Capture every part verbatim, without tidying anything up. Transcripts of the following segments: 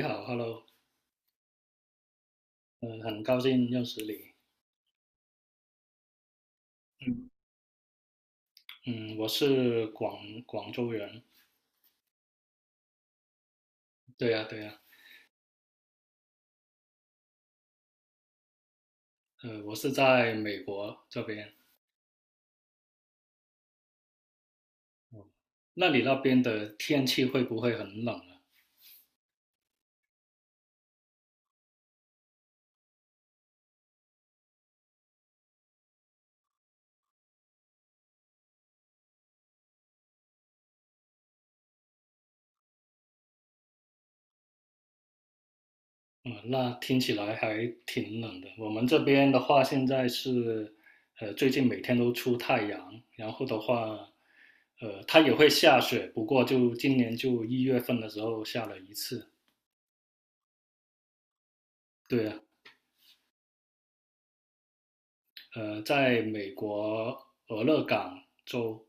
你好，Hello，嗯，很高兴认识你。嗯嗯，我是广广州人。对呀，对呀。呃，我是在美国这边。那你那边的天气会不会很冷啊？嗯，那听起来还挺冷的。我们这边的话，现在是，呃，最近每天都出太阳，然后的话，呃，它也会下雪，不过就今年就一月份的时候下了一次。对呀。呃，在美国俄勒冈州。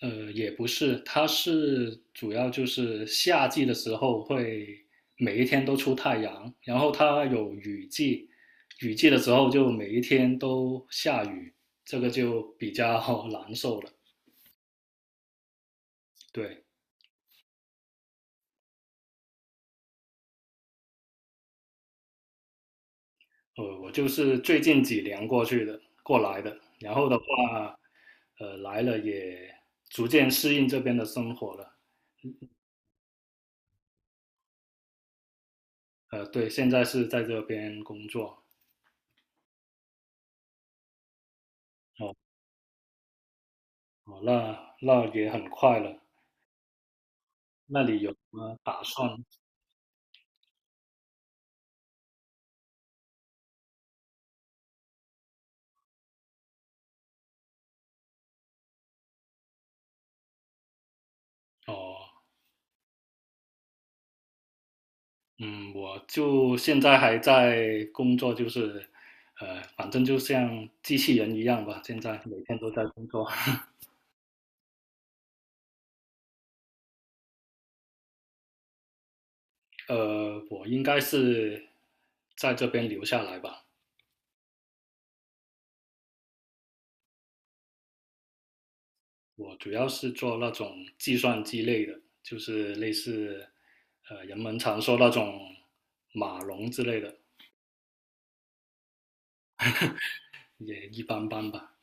呃，也不是，它是主要就是夏季的时候会每一天都出太阳，然后它有雨季，雨季的时候就每一天都下雨，这个就比较 难受了。对。呃，我就是最近几年过去的，过来的，然后的话，呃，来了也逐渐适应这边的生活了。呃，对，现在是在这边工作。哦，那那也很快了。那你有什么打算？哦，嗯，我就现在还在工作，就是，呃，反正就像机器人一样吧，现在每天都在工作。呃，我应该是在这边留下来吧。我主要是做那种计算机类的，就是类似，呃，人们常说那种码农之类的，也一般般吧。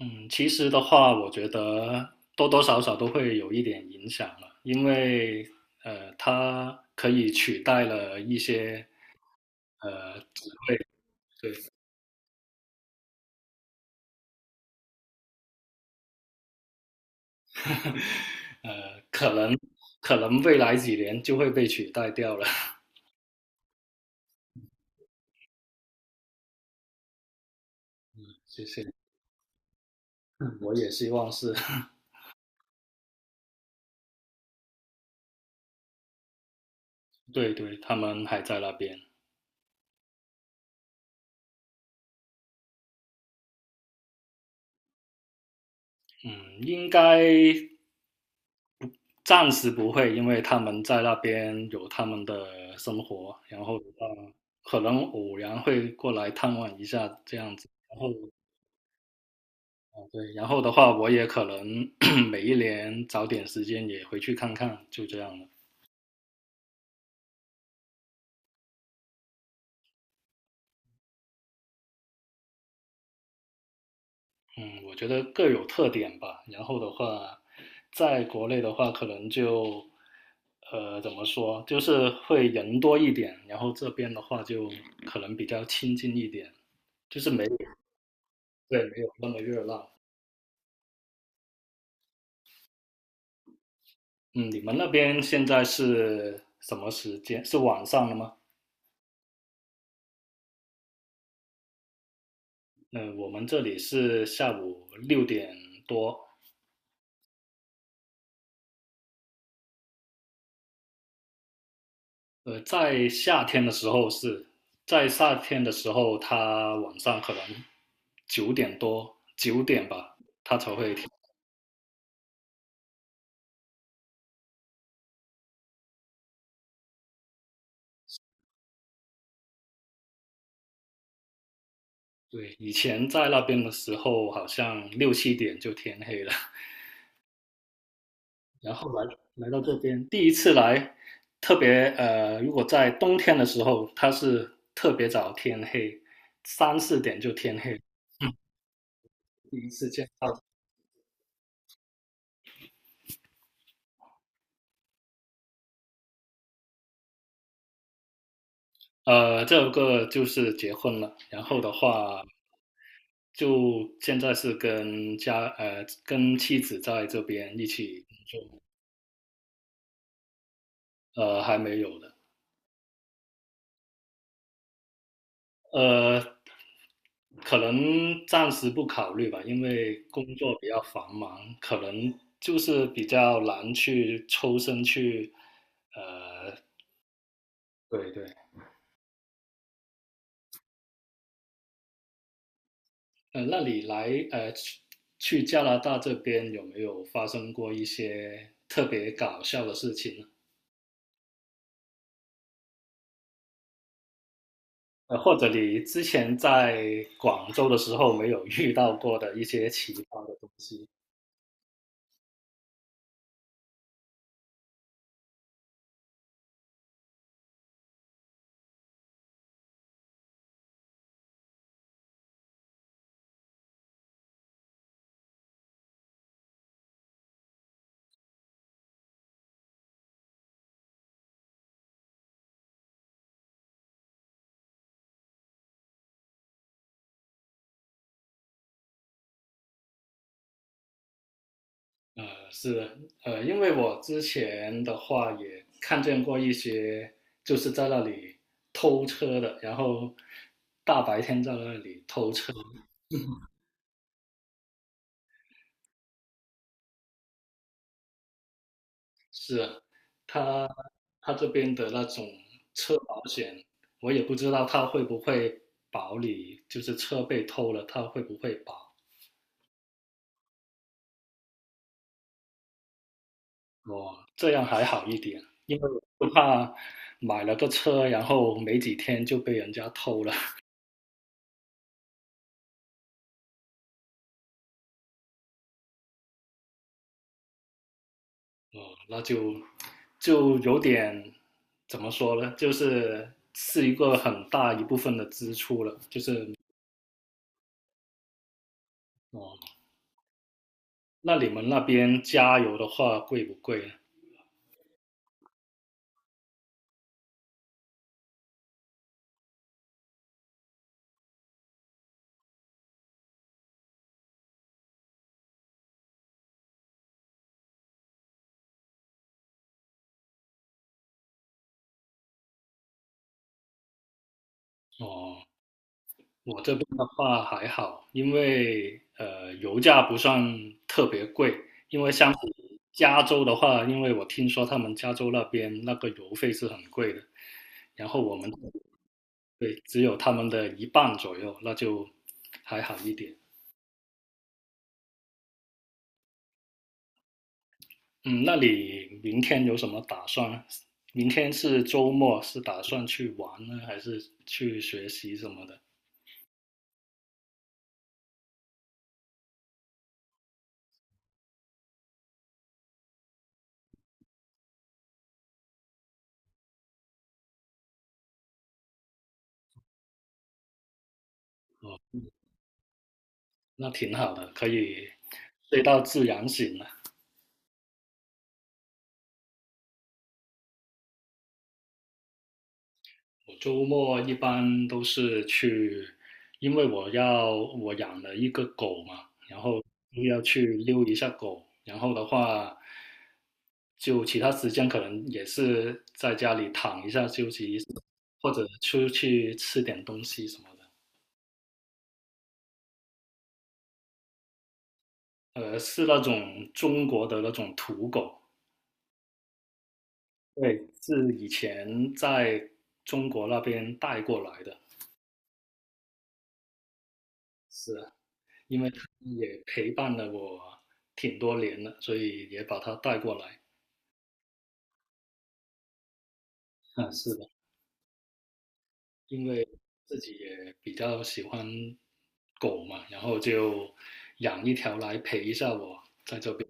嗯，其实的话，我觉得多多少少都会有一点影响了，因为呃，它可以取代了一些呃职位。对。呃，可能可能未来几年就会被取代掉了。谢谢。嗯，我也希望是。对对，他们还在那边。嗯，应该暂时不会，因为他们在那边有他们的生活，然后呃，可能偶然会过来探望一下这样子。然后对，然后的话，我也可能 每一年找点时间也回去看看，就这样了。嗯，我觉得各有特点吧。然后的话，在国内的话，可能就呃怎么说，就是会人多一点，然后这边的话就可能比较亲近一点。对，没有那么热闹。嗯，你们那边现在是什么时间？是晚上了吗？嗯，我们这里是下午六点多。呃，在夏天的时候是，在夏天的时候，它晚上可能九点多、九点吧，它才会天。对，以前在那边的时候，好像六七点就天黑了。然后来来到这边，第一次来，特别呃，如果在冬天的时候，它是特别早天黑，三四点就天黑。嗯，第一次见到。呃，这个就是结婚了，然后的话，就现在是跟家呃跟妻子在这边一起。呃，还没有的。呃，可能暂时不考虑吧，因为工作比较繁忙，可能就是比较难去抽身去。呃，对对。呃，那你来呃去去加拿大这边有没有发生过一些特别搞笑的事情呢？呃，或者你之前在广州的时候没有遇到过的一些奇葩的东西？呃，是的。呃，因为我之前的话也看见过一些，就是在那里偷车的，然后大白天在那里偷车。是啊，他他这边的那种车保险，我也不知道他会不会保你，就是车被偷了，他会不会保？哦，这样还好一点，因为我就怕买了个车，然后没几天就被人家偷了。哦，那就就有点怎么说呢？就是是一个很大一部分的支出了。就是哦，那你们那边加油的话贵不贵呢？哦，我这边的话还好，因为呃油价不算特别贵。加州的话，因为我听说他们加州那边那个油费是很贵的，然后我们，对，只有他们的一半左右，那就还好一点。嗯，那你明天有什么打算？明天是周末，是打算去玩呢，还是去学习什么的？那挺好的，可以睡到自然醒了。我周末一般都是去，因为我要我养了一个狗嘛，然后又要去溜一下狗，然后的话，就其他时间可能也是在家里躺一下休息一下，或者出去吃点东西什么的。呃，是那种中国的那种土狗。对，是以前在中国那边带过来的。是啊，因为它也陪伴了我挺多年了，所以也把它带过来。啊，是的，因为自己也比较喜欢狗嘛，然后就养一条来陪一下我在这边。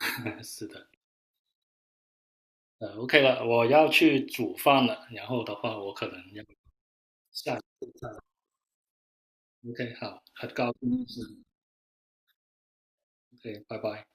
是的。呃，OK 了，我要去煮饭了，然后的话我可能要下一次再来。OK，好，很高兴认识你 OK，拜拜。